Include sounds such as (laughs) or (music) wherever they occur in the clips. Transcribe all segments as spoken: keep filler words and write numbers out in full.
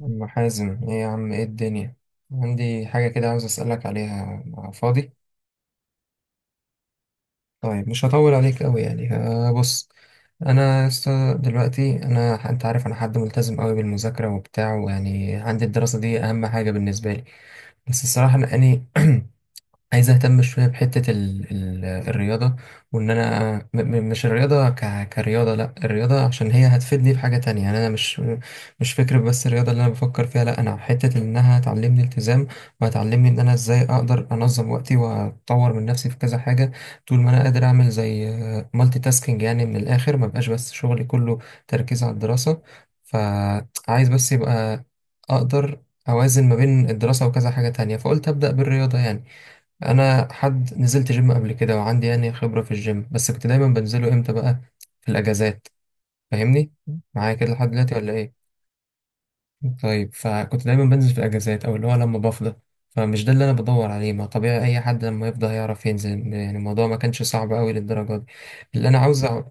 أم حازم، ايه يا عم؟ ايه الدنيا؟ عندي حاجة كده عاوز أسألك عليها. فاضي؟ طيب مش هطول عليك أوي. يعني آه، بص. أنا است- دلوقتي أنا، أنت عارف، أنا حد ملتزم أوي بالمذاكرة وبتاع، ويعني عندي الدراسة دي أهم حاجة بالنسبة لي. بس الصراحة أنا (clears throat) عايز اهتم شويه بحته ال ال الرياضه. وان انا م م مش الرياضه ك كرياضه، لا، الرياضه عشان هي هتفيدني في حاجه تانية. يعني انا مش مش فكره بس الرياضه اللي انا بفكر فيها، لا، انا حته انها هتعلمني التزام، وهتعلمني ان انا ازاي اقدر انظم وقتي واطور من نفسي في كذا حاجه. طول ما انا قادر اعمل زي مالتي تاسكينج يعني، من الاخر، ما بقاش بس شغلي كله تركيز على الدراسه. فعايز بس يبقى اقدر اوازن ما بين الدراسه وكذا حاجه تانية، فقلت ابدا بالرياضه يعني. انا حد نزلت جيم قبل كده وعندي يعني خبره في الجيم، بس كنت دايما بنزله امتى بقى؟ في الاجازات. فاهمني؟ معايا كده لحد دلوقتي ولا ايه؟ طيب، فكنت دايما بنزل في الاجازات، او اللي هو لما بفضى. فمش ده اللي انا بدور عليه، ما طبيعي اي حد لما يفضى هيعرف ينزل، يعني الموضوع ما كانش صعب قوي للدرجه دي. اللي انا عاوز أع-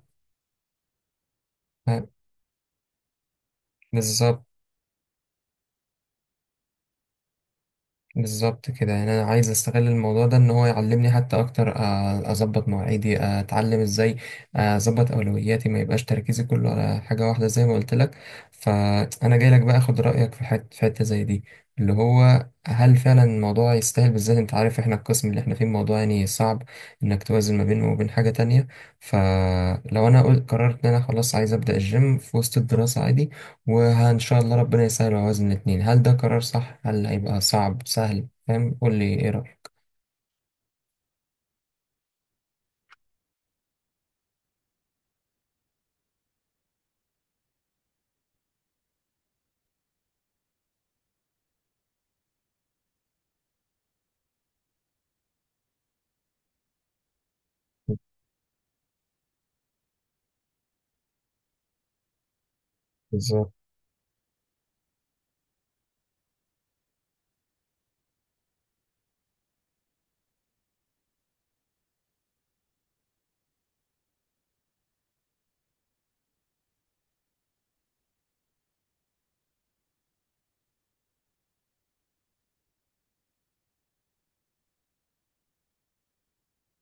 بالظبط. بالظبط كده. يعني انا عايز استغل الموضوع ده ان هو يعلمني حتى اكتر، آه، اظبط مواعيدي، آه، اتعلم ازاي آه، اظبط اولوياتي، ما يبقاش تركيزي كله على حاجه واحده زي ما قلت لك. فانا جاي لك بقى اخد رايك في حته في حته زي دي، اللي هو هل فعلا الموضوع يستاهل؟ بالذات انت عارف احنا القسم اللي احنا فيه الموضوع يعني صعب انك توازن ما بينه وبين حاجه تانية. فلو انا قلت قررت ان انا خلاص عايز ابدا الجيم في وسط الدراسه عادي، وإن شاء الله ربنا يسهل ويوازن الاتنين، هل ده قرار صح؟ هل هيبقى صعب سهل؟ فاهم؟ قول لي ايه رأيك. بالظبط.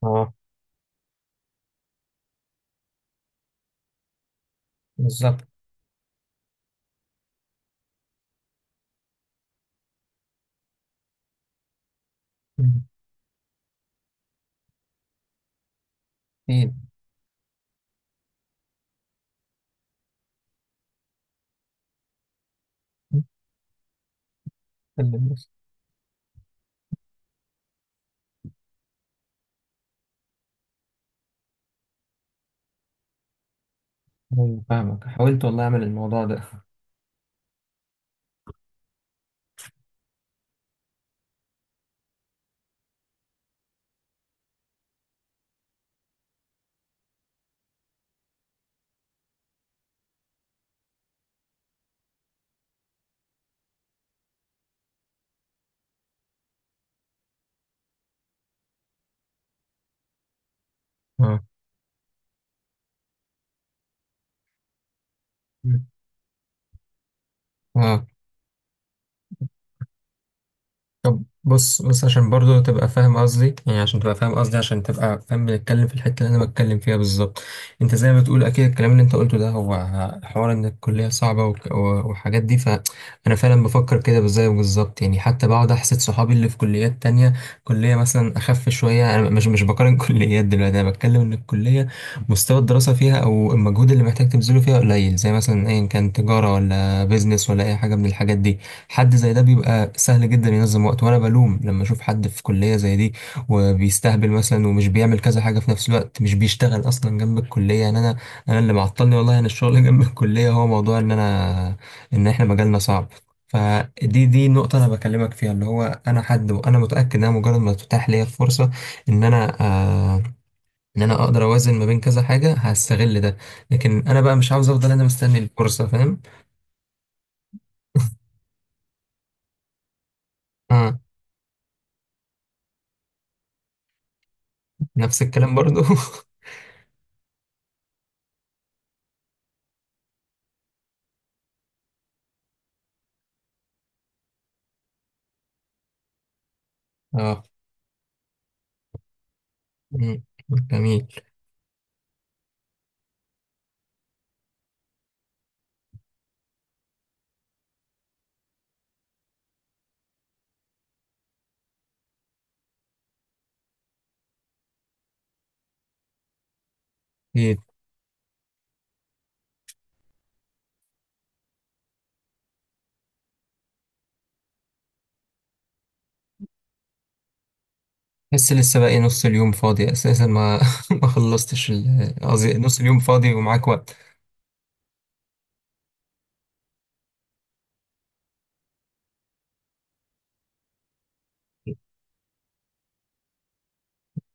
اه، بالظبط. مم، ايه؟ اللي بيحصل؟ أيوة، فاهمك، حاولت والله اعمل الموضوع ده. اه. مم. اه. طب بص، بص عشان برضو تبقى فاهم قصدي يعني عشان تبقى فاهم قصدي عشان تبقى فاهم بنتكلم في الحتة اللي انا بتكلم فيها بالظبط. انت زي ما بتقول، اكيد الكلام اللي انت قلته ده هو حوار ان الكلية صعبة وك- و- وحاجات دي. فانا فعلا بفكر كده بالزي بالظبط. يعني حتى بقعد احسد صحابي اللي في كليات تانية، كلية مثلا اخف شوية. انا مش مش بقارن (laughs) كليات دلوقتي، انا بتكلم ان الكلية مستوى الدراسة فيها او المجهود اللي محتاج تبذله فيها قليل، زي مثلا ايا كان تجارة ولا بيزنس ولا اي حاجة من الحاجات دي. حد زي ده بيبقى سهل جدا ينظم وقته، وانا بلوم لما اشوف حد في كلية زي دي وبيستهبل مثلا ومش بيعمل كذا حاجة في نفس الوقت، مش بيشتغل اصلا جنب الكلية. يعني انا انا اللي معطلني والله انا الشغل (laughs) جنب الكلية، هو موضوع ان انا، ان احنا مجالنا صعب. فدي دي النقطة أنا بكلمك فيها، اللي هو أنا حد وأنا متأكد إن أنا مجرد ما تتاح ليا الفرصة، إن أنا آه إن أنا أقدر أوازن ما بين كذا حاجة، هستغل ده. لكن أنا بقى مش عاوز أفضل أنا مستني الفرصة، فاهم؟ آه، نفس الكلام برضو. (laughs) اه. مم. جميل. أكيد. بس لسه باقي نص اليوم فاضي أساسا، ما (laughs) ما خلصتش ال- قصدي نص اليوم فاضي ومعاك وقت.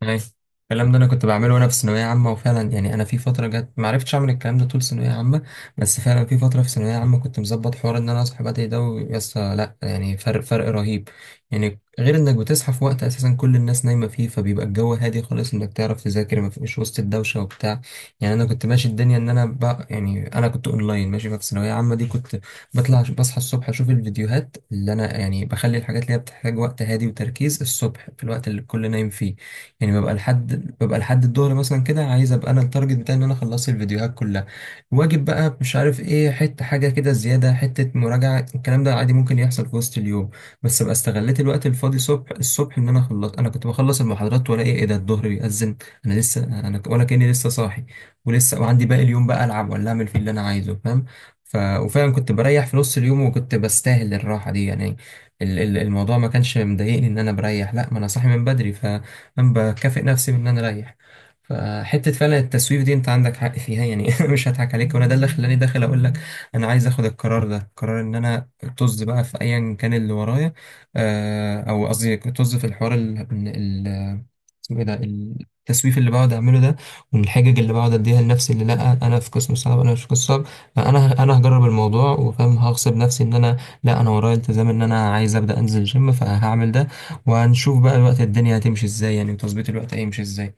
أي، الكلام ده انا كنت بعمله وانا في ثانويه عامه، وفعلا يعني انا في فتره جت ما عرفتش اعمل الكلام ده طول ثانويه عامه، بس فعلا في فتره في ثانويه عامه كنت مظبط حوار ان انا اصحى بدري ده ويسا لا، يعني فرق فرق رهيب. يعني غير انك بتصحى في وقت اساسا كل الناس نايمه فيه، فبيبقى الجو هادي خالص، انك تعرف تذاكر ما فيش وسط الدوشه وبتاع. يعني انا كنت ماشي الدنيا ان انا بقى، يعني انا كنت اونلاين ماشي. ففي ثانويه عامه دي كنت بطلع بصحى الصبح اشوف الفيديوهات، اللي انا يعني بخلي الحاجات اللي هي بتحتاج وقت هادي وتركيز الصبح في الوقت اللي الكل نايم فيه. يعني ببقى لحد ببقى لحد الظهر مثلا كده، عايز ابقى انا التارجت بتاعي ان انا خلصت الفيديوهات كلها. واجب بقى، مش عارف ايه، حته حاجه كده زياده، حته مراجعه، الكلام ده عادي ممكن يحصل في وسط اليوم. بس ابقى استغليت الوقت الفاضي صبح الصبح، ان انا خلص، انا كنت بخلص المحاضرات والاقي ايه ده الظهر بيأذن، انا لسه انا ولا كاني لسه صاحي ولسه، وعندي باقي اليوم بقى، العب ولا اعمل فيه اللي انا عايزه، فاهم؟ ف... وفعلا كنت بريح في نص اليوم وكنت بستاهل الراحه دي. يعني ال- ال- الموضوع ما كانش مضايقني ان انا بريح، لا، ما انا صاحي من بدري، بكافئ نفسي بان انا اريح. فحته فعلا التسويف دي، انت عندك حق فيها يعني. (laughs) مش هضحك عليك، وانا ده اللي خلاني داخل اقول لك انا عايز اخد القرار ده، قرار ان انا طز بقى في ايا كان اللي ورايا، آه، او قصدي طز في الحوار ال ال- اسمه ايه ده، التسويف اللي بقعد اعمله ده، والحجج اللي بقعد اديها لنفسي، اللي لا انا في قسم صعب. انا مش في قسم صعب. انا انا هجرب الموضوع، وفاهم هغصب نفسي ان انا، لا انا ورايا التزام، ان انا عايز ابدا انزل جيم فهعمل ده، وهنشوف بقى الوقت الدنيا هتمشي ازاي يعني، وتظبيط الوقت هيمشي ازاي.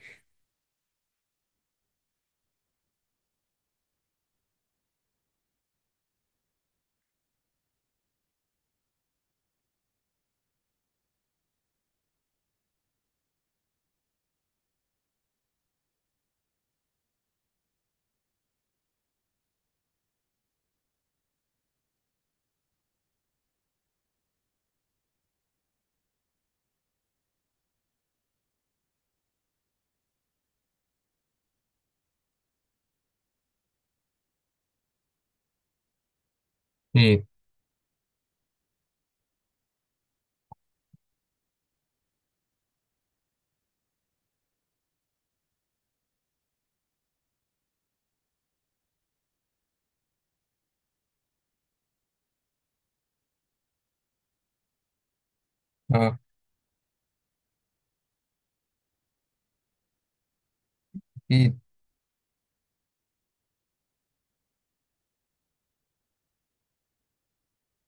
اكيد. اه. اكيد.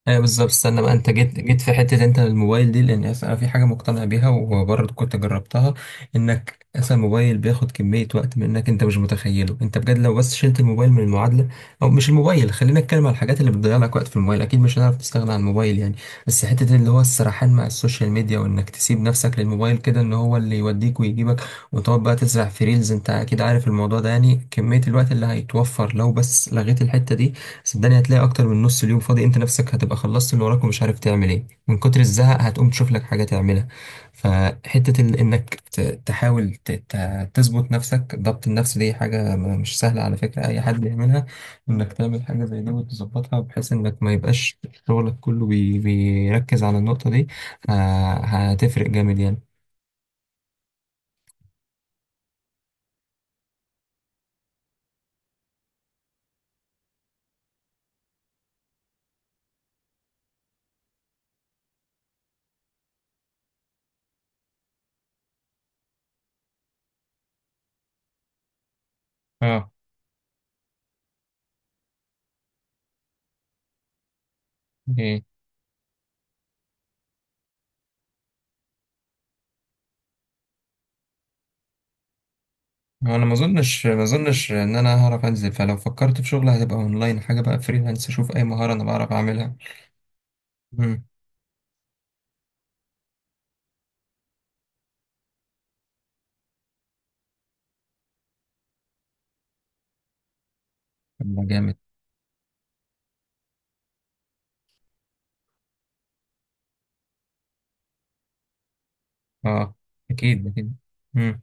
ايوه بالظبط، استنى بقى، انت جيت جيت في حته انت الموبايل دي، لان اصلا انا في حاجه مقتنع بيها وبرضه كنت جربتها، انك اصلا الموبايل بياخد كميه وقت منك انت مش متخيله. انت بجد لو بس شلت الموبايل من المعادله، او مش الموبايل، خلينا نتكلم على الحاجات اللي بتضيع لك وقت في الموبايل، اكيد مش هنعرف نستغنى عن الموبايل يعني، بس حته اللي هو السرحان مع السوشيال ميديا، وانك تسيب نفسك للموبايل كده ان هو اللي يوديك ويجيبك، وتقعد بقى تزرع في ريلز، انت اكيد عارف الموضوع ده. يعني كميه الوقت اللي هيتوفر لو بس لغيت الحته دي، صدقني هتلاقي اكتر من نص اليوم فاضي، انت نفسك هتبقى خلصت اللي وراك ومش عارف تعمل ايه من كتر الزهق، هتقوم تشوف لك حاجة تعملها. فحتة ال- انك ت- تحاول ت- ت- تظبط نفسك، ضبط النفس دي حاجة م- مش سهلة على فكرة اي حد يعملها، انك تعمل حاجة زي دي وتظبطها بحيث انك ما يبقاش شغلك كله بي- بيركز على النقطة دي، ه- هتفرق جامد يعني. اه. ايه. هو انا ما اظنش ما اظنش ان انا هعرف انزل، فلو فكرت في شغل هتبقى اونلاين حاجه بقى، فريلانس، اشوف اي مهاره انا بعرف اعملها. مم. طب ده جامد. اه، اكيد. اكيد. مم.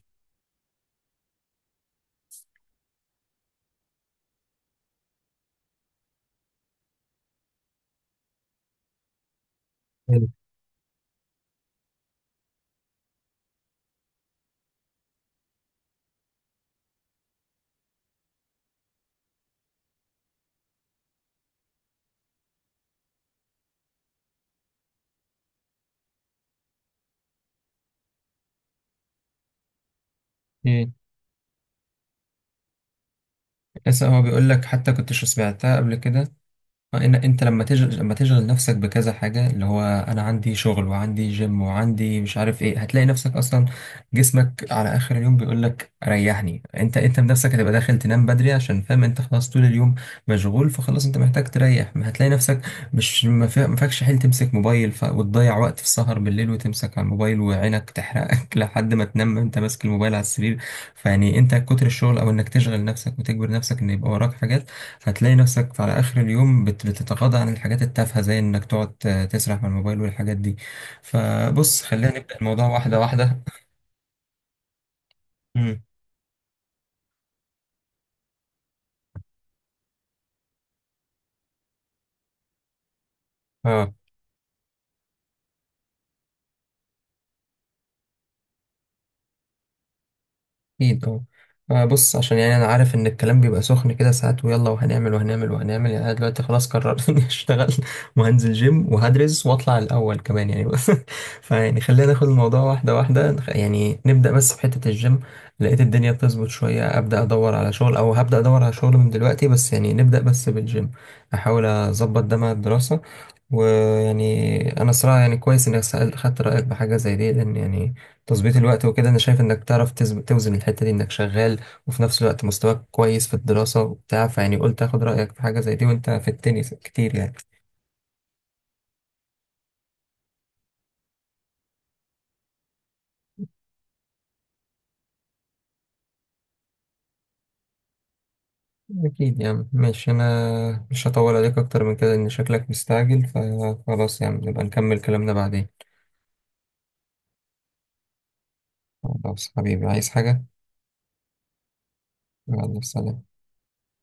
حلو. ايه، لسه هو بيقول لك، حتى كنتش سمعتها قبل كده. آه، ان انت لما تشغل، لما تشغل نفسك بكذا حاجه، اللي هو انا عندي شغل وعندي جيم وعندي مش عارف ايه، هتلاقي نفسك اصلا، جسمك على اخر اليوم بيقول لك ريحني. انت انت بنفسك هتبقى داخل تنام بدري عشان فاهم انت خلاص طول اليوم مشغول، فخلاص انت محتاج تريح. ما هتلاقي نفسك مش ما فا- ما فيكش حيل تمسك موبايل ف... وتضيع وقت في السهر بالليل وتمسك على الموبايل وعينك تحرقك (laughs) لحد ما تنام انت ماسك الموبايل على السرير. فيعني انت كتر الشغل او انك تشغل نفسك وتجبر نفسك ان يبقى وراك حاجات، فتلاقي نفسك على آخر اليوم بت- بتتغاضى عن الحاجات التافهة زي إنك تقعد ت- تسرح من الموبايل والحاجات دي. فبص، خلينا نبدأ الموضوع واحدة واحدة. (laughs) مم. اه. اكيد طبعا. آه، بص، عشان يعني انا عارف ان الكلام بيبقى سخن كده ساعات، ويلا وهنعمل وهنعمل وهنعمل يعني، انا دلوقتي خلاص قررت (laughs) اني اشتغل وهنزل جيم وهدرس واطلع الاول كمان يعني. (laughs) بس فيعني خلينا ناخد الموضوع واحده واحده، نخ- يعني نبدا بس بحته الجيم، لقيت الدنيا بتظبط شويه ابدا ادور على شغل، او هبدا ادور على شغل من دلوقتي، بس يعني نبدا بس بالجيم، احاول اظبط ده مع الدراسه. ويعني انا صراحه يعني كويس اني سألت- خدت رايك بحاجه زي دي، لان يعني تظبيط الوقت وكده، انا شايف انك تعرف تز- توزن الحتة دي انك شغال وفي نفس الوقت مستواك كويس في الدراسة وبتاع، فيعني قلت اخد رأيك في حاجة زي دي، وانت في التنس كتير يعني. اكيد يا عم، ماشي، انا مش هطول عليك اكتر من كده ان شكلك مستعجل، فخلاص يا عم نبقى نكمل كلامنا بعدين. خلاص حبيبي، عايز حاجة؟ يلا سلام.